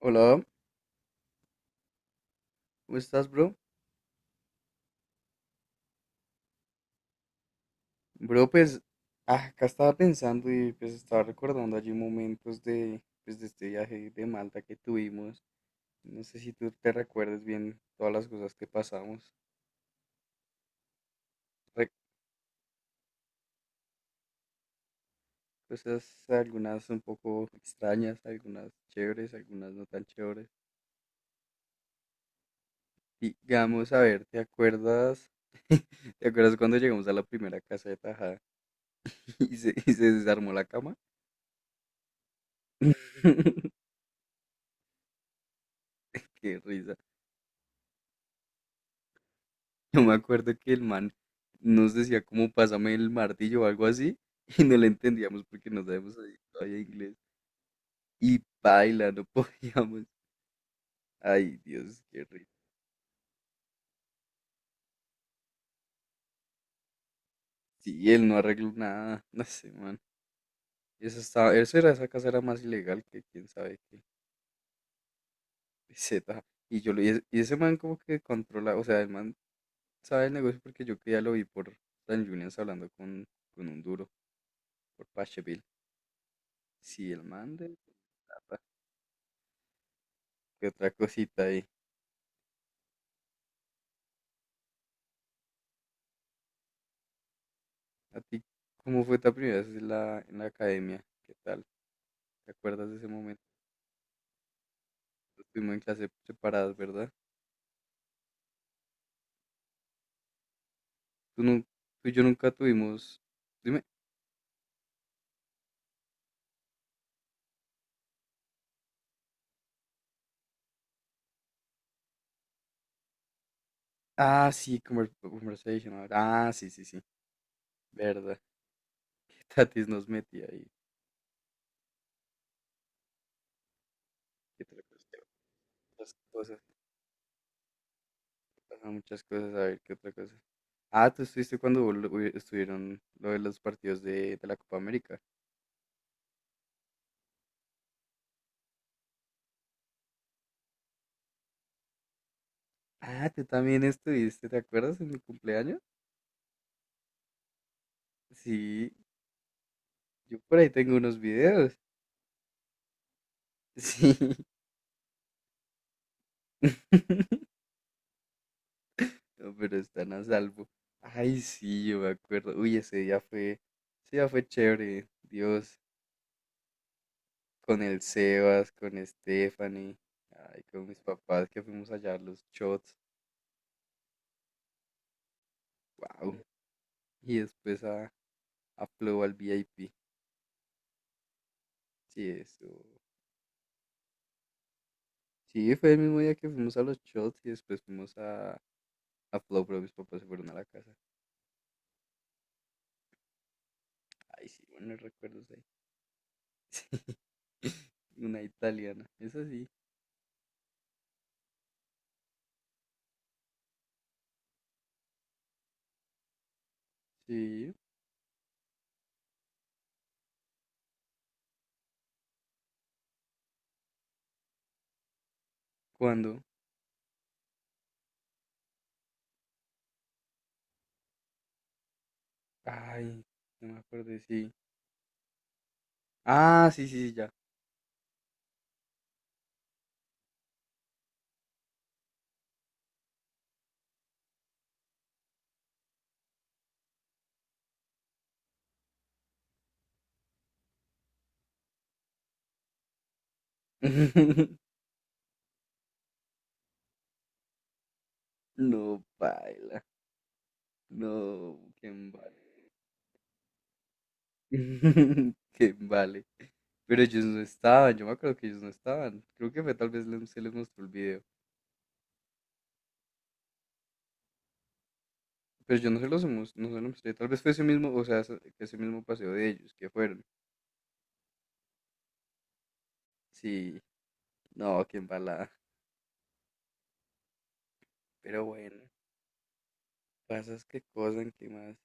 Hola, ¿cómo estás, bro? Bro, pues acá estaba pensando y pues estaba recordando allí momentos de este viaje de Malta que tuvimos. No sé si tú te recuerdas bien todas las cosas que pasamos. Re- Cosas, algunas un poco extrañas, algunas chéveres, algunas no tan chéveres. Digamos, a ver, ¿te acuerdas? ¿Te acuerdas cuando llegamos a la primera casa de Tajada y se desarmó la cama? Qué risa. Yo me acuerdo que el man nos decía como pásame el martillo o algo así y no le entendíamos porque no sabemos ahí todavía inglés. Y baila, no podíamos. Ay, Dios, qué rico. Sí, él no arregló nada. No sé, man. Eso estaba, eso era, esa casa era más ilegal que quién sabe qué. Z. Y yo lo- y, es- y ese man como que controla, o sea, el man sabe el negocio porque yo que ya lo vi por Dan Julians hablando con un duro, por Pacheville. Sí, el man de plata. ¿Qué otra cosita ahí? ¿A ti cómo fue tu primera vez en la academia? ¿Qué tal? ¿Te acuerdas de ese momento? Pues, estuvimos en clase separadas, ¿verdad? Tú, nun- tú y yo nunca tuvimos... Dime. Ah, sí, conversation ahora. Ah, sí, sí, sí. ¿Verdad? Que Tatis nos metía ahí. ¿Qué otra cosa? Muchas cosas. Pasaban muchas cosas. A ver, ¿qué otra cosa? Ah, tú estuviste cuando estuvieron lo de los partidos de la Copa América. Ah, tú también estuviste, ¿te acuerdas? En mi cumpleaños. Sí, yo por ahí tengo unos videos. Sí. No, pero están a salvo. Ay, sí, yo me acuerdo. Uy, ese día fue chévere. Dios, con el Sebas, con Stephanie, ay, con mis papás que fuimos allá a los shots. Wow. Y después a Flow al VIP. Sí, eso. Sí, fue el mismo día que fuimos a los shots y después fuimos a Flow, pero mis papás se fueron a la casa. Ay, sí, buenos recuerdos ahí. Sí. Una italiana. Es así. Sí. ¿Cuándo? Ay, no me acuerdo, sí. Ah, sí, sí, sí, ya. No, baila. No, ¿quién vale? ¿Quién vale? Pero ellos no estaban, yo me acuerdo que ellos no estaban. Creo que fue tal vez se les mostró el video. Pero yo no se los no se lo mostré. Tal vez fue ese mismo, o sea, que ese mismo paseo de ellos, que fueron. Sí, no, qué embalada. Pero bueno, pasas qué cosas, qué más.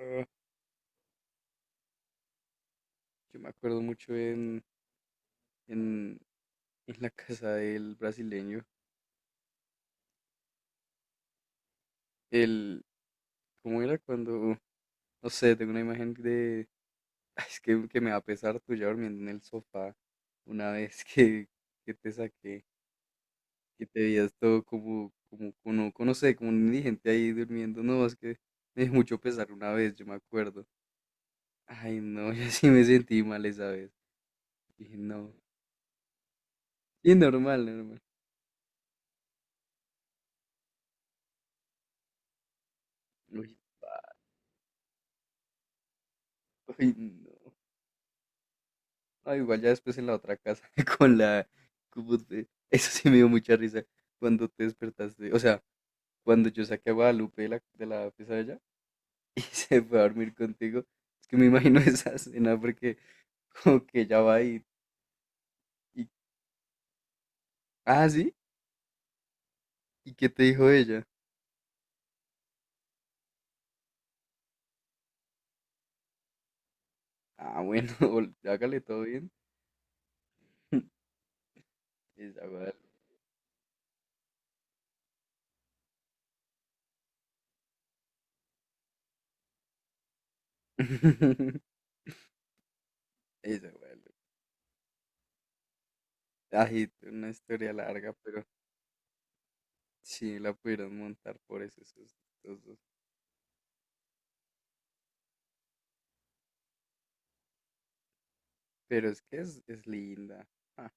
Ah, yo me acuerdo mucho en, en la casa del brasileño. El, ¿cómo era cuando, no sé, tengo una imagen de, es que me va a pesar tuya durmiendo en el sofá una vez que te saqué, que te veías todo como, no sé, como un indigente ahí durmiendo, no, es que me dio mucho pesar una vez, yo me acuerdo. Ay, no, yo sí me sentí mal esa vez. Dije, no, y normal, normal. Uy, pa, uy, no. No, igual ya después en la otra casa, con la, eso sí me dio mucha risa cuando te despertaste, o sea, cuando yo saqué a Guadalupe de la pesadilla y se fue a dormir contigo, es que me imagino esa escena porque como que ella va y- ah, sí, ¿y qué te dijo ella? Ah, bueno, hágale todo bien. Esa Guadalupe. Esa Guadalupe. Ay, una historia larga, pero sí la pudieron montar por eso, esos dos. Pero es que es linda. Ah,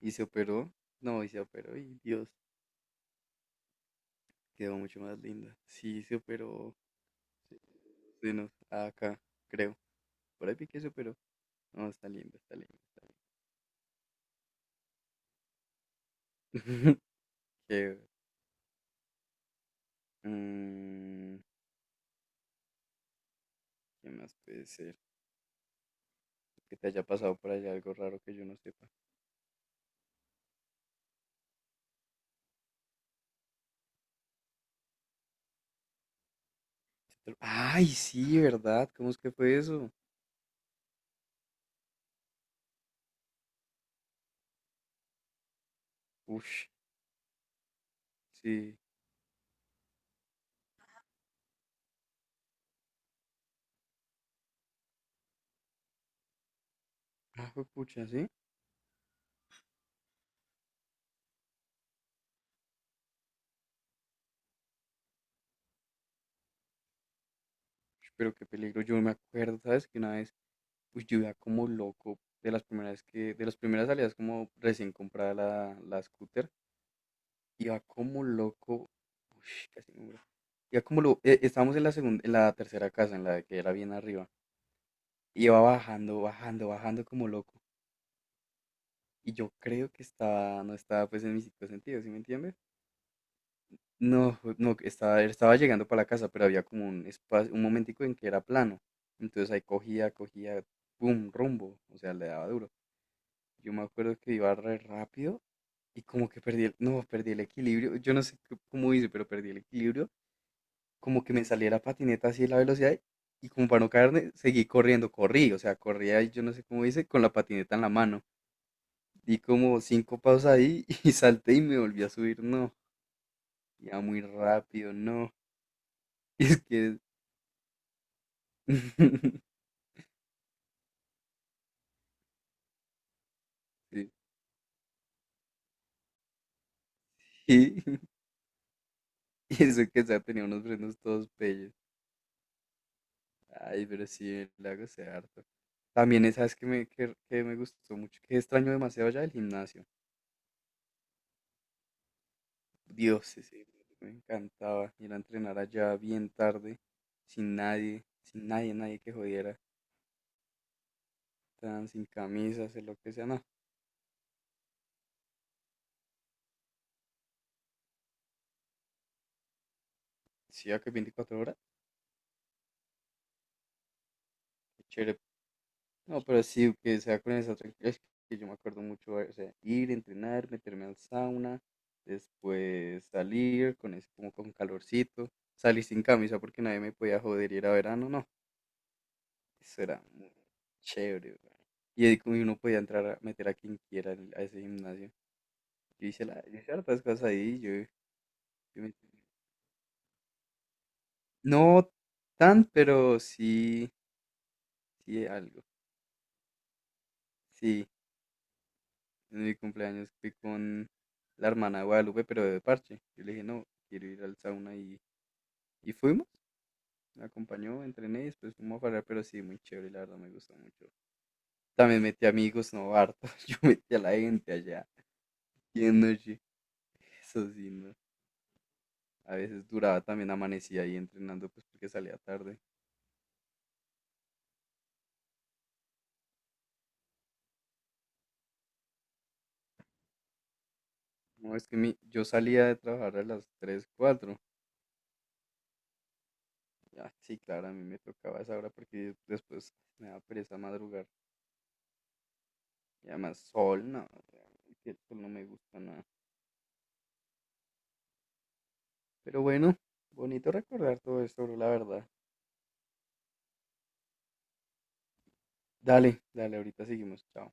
y se operó. No, y se operó y Dios, quedó mucho más linda. Sí, se operó. Sí. Dinos, acá, creo. Por ahí vi que eso, pero no, está lindo, está lindo. ¿Qué, mm, ¿qué más puede ser? Que te haya pasado por allá algo raro que yo no sepa. Ay, sí, ¿verdad? ¿Cómo es que fue eso? Ush, sí. Ah, pucha, ¿sí? Ush, pero qué peligro. Yo me acuerdo, ¿sabes? Que una vez, uy, yo iba como loco de las primeras de las primeras salidas como recién comprada la scooter. Iba como loco. Ush, casi me muero. Iba como loco. Estábamos en la segunda, en la tercera casa, en la que era bien arriba. Iba bajando como loco. Y yo creo que no estaba pues en mis cinco sentidos, ¿sí me entiendes? No, no, estaba llegando para la casa, pero había como un espacio, un momentico en que era plano. Entonces ahí cogía, pum, rumbo. O sea, le daba duro. Yo me acuerdo que iba re rápido y como que perdí el equilibrio. Yo no sé cómo hice, pero perdí el equilibrio como que me saliera patineta así la velocidad y como para no caerme, seguí corriendo, corrí, o sea, corría y yo no sé cómo hice, con la patineta en la mano. Di como cinco pasos ahí y salté y me volví a subir, no, ya muy rápido, no. Y es que... sí, Y, y eso que ya tenía unos frenos todos bellos. Ay, pero sí, el lago se harto. También, ¿sabes que me gustó mucho? Que extraño demasiado ya el gimnasio. Dios, ese me encantaba ir a entrenar allá bien tarde, sin nadie que jodiera, tan sin camisa, hacer lo que sea, no. Sí, a que 24 horas, qué chévere. No, pero sí, que sea con esa tranquilidad, es que yo me acuerdo mucho, o sea, ir, entrenar, meterme al sauna, después salir con ese, como con calorcito, salir sin camisa porque nadie me podía joder y era verano, no, eso era muy chévere, weón. Y ahí como uno podía entrar a meter a quien quiera a ese gimnasio. Yo hice, la, yo hice hartas cosas ahí, yo, yo me- no tan, pero sí, sí algo. Sí, en mi cumpleaños fui con la hermana de Guadalupe, pero de parche. Yo le dije, no, quiero ir al sauna y fuimos. Me acompañó, entrené y después fuimos a parar, pero sí, muy chévere, la verdad me gustó mucho. También metí amigos, no, harto. Yo metí a la gente allá. Y en noche, eso sí, no. A veces duraba también, amanecía ahí entrenando, pues porque salía tarde. No, es que mi, yo salía de trabajar a las 3 cuatro. Ah, sí, claro, a mí me tocaba a esa hora porque después me da pereza madrugar. Y además, sol, no, o sea, el sol no me gusta nada. Pero bueno, bonito recordar todo esto, bro, la verdad. Dale, dale, ahorita seguimos, chao.